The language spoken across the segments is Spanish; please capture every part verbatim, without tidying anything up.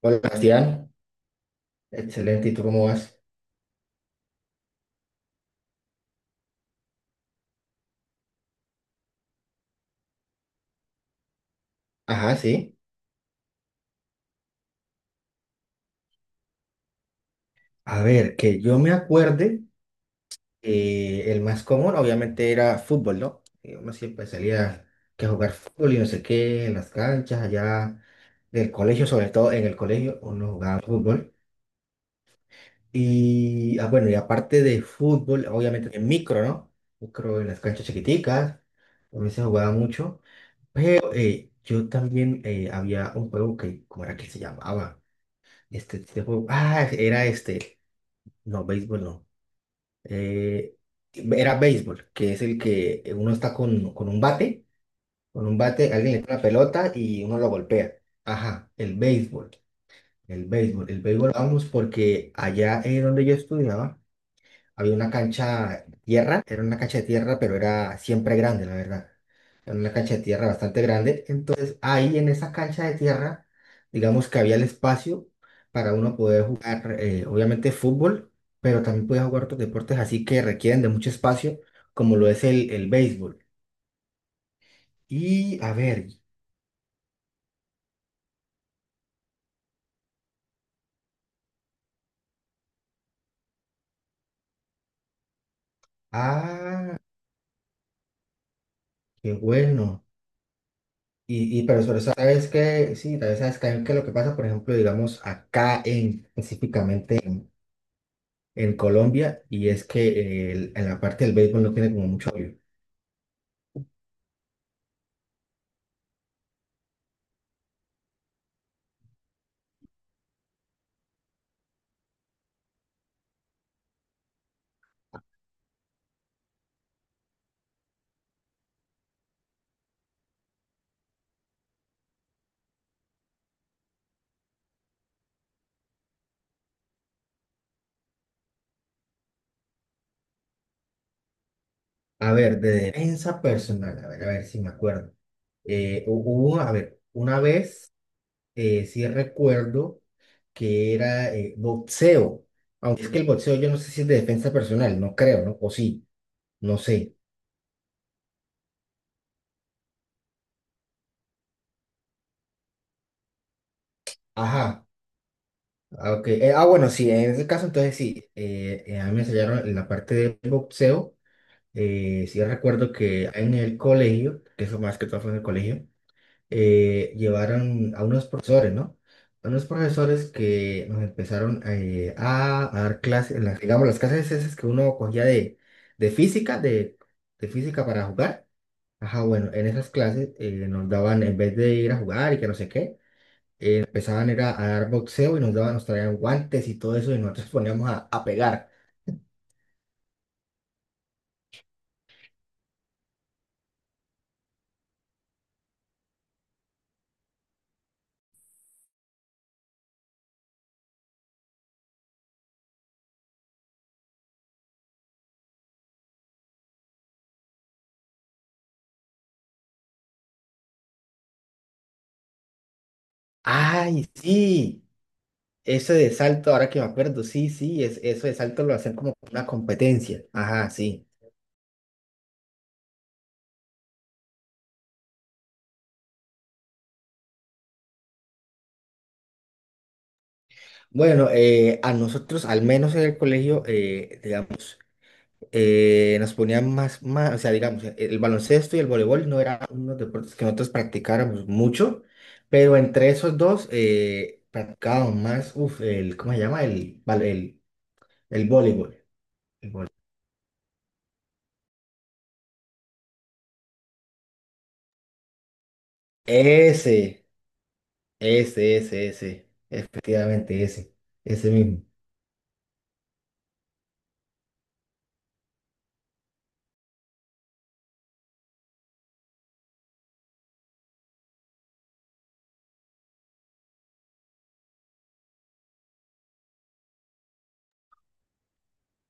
Hola, Sebastián. Excelente. ¿Y tú cómo vas? Ajá, sí. A ver, que yo me acuerde, eh, el más común obviamente era fútbol, ¿no? Eh, Uno siempre salía que a jugar fútbol y no sé qué, en las canchas allá del colegio, sobre todo en el colegio, uno jugaba fútbol. Y, ah, bueno, y aparte de fútbol, obviamente en micro, ¿no? Micro en las canchas chiquiticas, también se jugaba mucho. Pero, eh, yo también eh, había un juego que, ¿cómo era que se llamaba? Este, este juego. Ah, era este. No, béisbol no. Eh, era béisbol, que es el que uno está con, con un bate. Con un bate, alguien le tira la pelota y uno lo golpea. Ajá, el béisbol. El béisbol. El béisbol, vamos, porque allá es donde yo estudiaba. Había una cancha de tierra, era una cancha de tierra, pero era siempre grande, la verdad. Era una cancha de tierra bastante grande. Entonces, ahí en esa cancha de tierra, digamos que había el espacio para uno poder jugar, eh, obviamente, fútbol, pero también podía jugar otros deportes así que requieren de mucho espacio, como lo es el, el béisbol. Y, a ver, ah, qué bueno. Y, y pero sobre eso, sabes que, sí, tal vez sabes que, que lo que pasa, por ejemplo, digamos, acá en, específicamente. En Colombia y es que el- en la parte del béisbol no tiene como mucho apoyo. A ver, de defensa personal, a ver, a ver si me acuerdo. Eh, hu- hubo, a ver, una vez eh, sí recuerdo que era eh, boxeo, aunque es que el boxeo yo no sé si es de defensa personal, no creo, ¿no? O sí, no sé. Ajá, ah, ok. Eh, ah, bueno, sí, en ese caso entonces sí, eh, eh, a mí me enseñaron en la parte de boxeo, eh, sí recuerdo que en el colegio, que eso más que todo fue en el colegio, eh, llevaron a unos profesores, ¿no? A unos profesores que nos empezaron eh, a, a dar clases, las, digamos, las clases esas que uno cogía de, de física, de, de física para jugar. Ajá, bueno, en esas clases eh, nos daban, en vez de ir a jugar y que no sé qué, empezaban era a dar boxeo y nos daban, nos traían guantes y todo eso y nosotros poníamos a, a pegar. ¡Ay, sí! Ese de salto, ahora que me acuerdo, sí, sí, es, eso de salto lo hacen como una competencia. Ajá, sí. Bueno, eh, a nosotros, al menos en el colegio, eh, digamos, eh, nos ponían más, más, o sea, digamos, eh, el baloncesto y el voleibol no eran unos deportes que nosotros practicáramos mucho, pero entre esos dos eh, practicábamos más, uf, el, ¿cómo se llama? El, val- el, el voleibol. El voleibol. Ese, ese, ese, ese, efectivamente ese, ese mismo.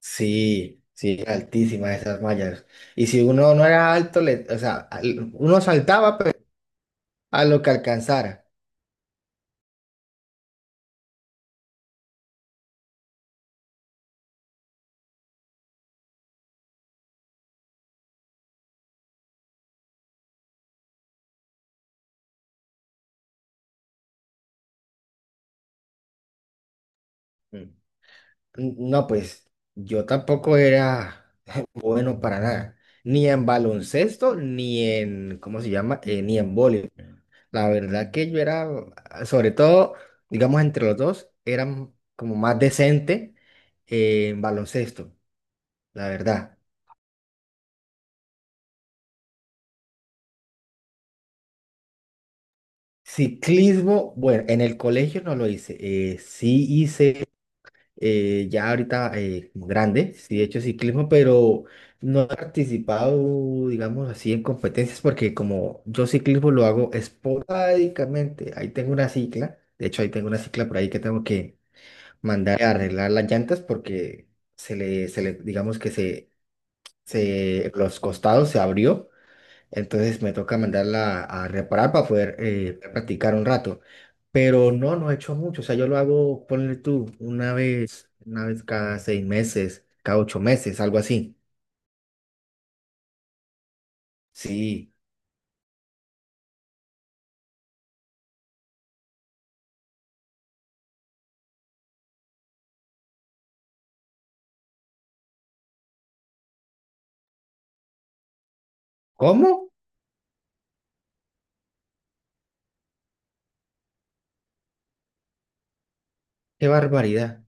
Sí, sí, altísimas esas mallas. Y si uno no era alto, le, o sea, al- uno saltaba, a lo que alcanzara. Mm. No, pues yo tampoco era bueno para nada, ni en baloncesto, ni en, ¿cómo se llama? Eh, ni en voleibol. La verdad que yo era, sobre todo, digamos, entre los dos, eran como más decente eh, en baloncesto, la verdad. Ciclismo, bueno, en el colegio no lo hice. eh, sí hice eh, ya ahorita eh, como grande, sí he hecho ciclismo, pero no he participado, digamos así, en competencias porque como yo ciclismo lo hago esporádicamente, ahí tengo una cicla, de hecho ahí tengo una cicla por ahí que tengo que mandar a arreglar las llantas porque se le, se le digamos que se, se, los costados se abrió entonces me toca mandarla a reparar para poder eh, practicar un rato. Pero no, no he hecho mucho. O sea, yo lo hago, ponle tú, una vez, una vez cada seis meses, cada ocho meses, algo así. Sí. ¿Cómo? ¡Qué barbaridad!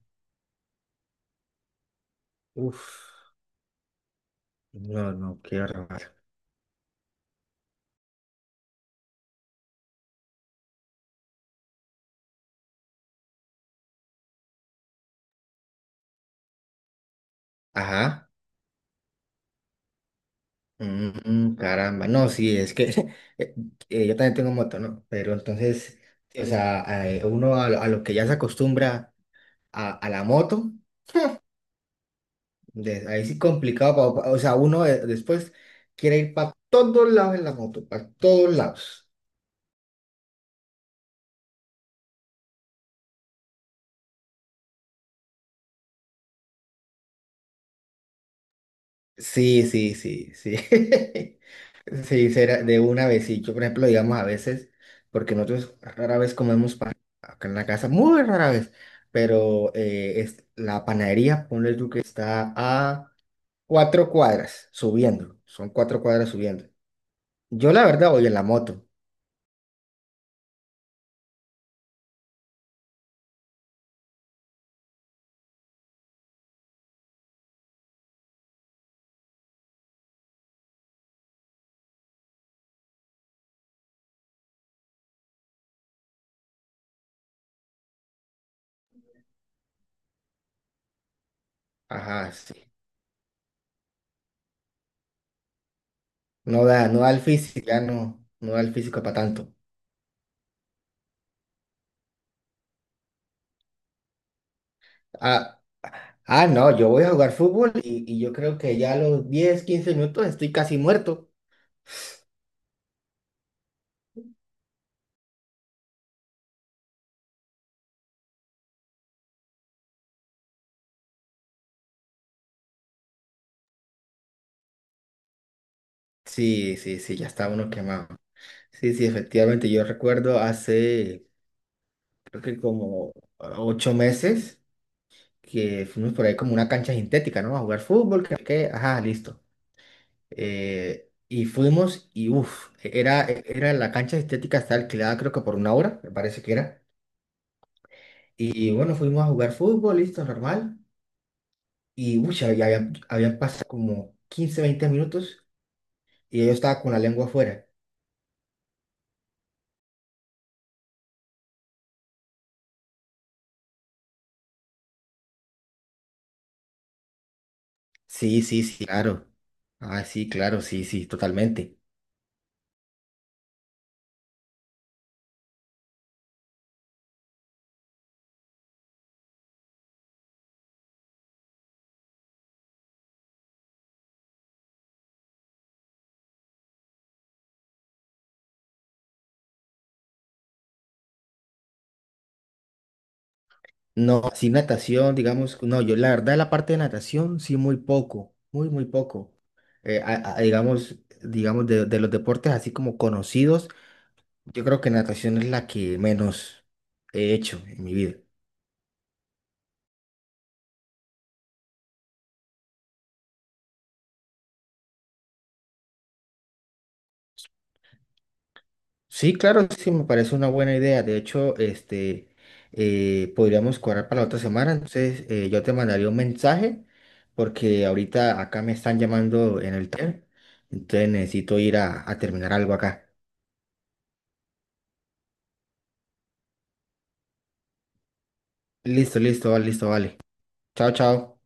Uf, no, no, qué barbaridad. Ajá. Mm, mm, caramba. No, sí, es que eh, eh, yo también tengo moto, ¿no? Pero entonces, o sea, eh, uno a, lo a lo que ya se acostumbra a, a la moto. De- ahí sí complicado, pa- pa- o sea, uno de- después quiere ir para todos lados en la moto, para todos lados. Sí, sí, sí, sí. Sí, será de una vez. Sí, yo, por ejemplo, digamos a veces, porque nosotros rara vez comemos pan acá en la casa, muy rara vez, pero eh, es, la panadería, ponle tú que está a cuatro cuadras subiendo, son cuatro cuadras subiendo. Yo la verdad voy en la moto, ajá, sí. No da, no da el físico, ya no, no da el físico para tanto. Ah, ah, no, yo voy a jugar fútbol y, y yo creo que ya a los diez quince minutos estoy casi muerto. Sí, sí, sí, ya está uno quemado. Sí, sí, efectivamente, yo recuerdo hace, creo que como ocho meses, que fuimos por ahí como una cancha sintética, ¿no? A jugar fútbol, que, que- ajá, listo. Eh, y fuimos y uff, era, era la cancha sintética, está alquilada creo que por una hora, me parece que era. Y bueno, fuimos a jugar fútbol, listo, normal. Y uy, ya habían, habían pasado como quince veinte minutos y yo estaba con la lengua afuera. Sí, sí, sí, claro. Ah, sí, claro, sí, sí, totalmente. No, sí, natación, digamos, no, yo la verdad la parte de natación, sí, muy poco, muy, muy poco. Eh, a- a- digamos, digamos, de, de los deportes así como conocidos, yo creo que natación es la que menos he hecho en mi vida. Sí, claro, sí, me parece una buena idea. De hecho, este, eh, podríamos cuadrar para la otra semana. Entonces, eh, yo te mandaría un mensaje porque ahorita acá me están llamando en el TER. Entonces, necesito ir a, a terminar algo acá. Listo, listo, vale, listo, vale. Chao, chao.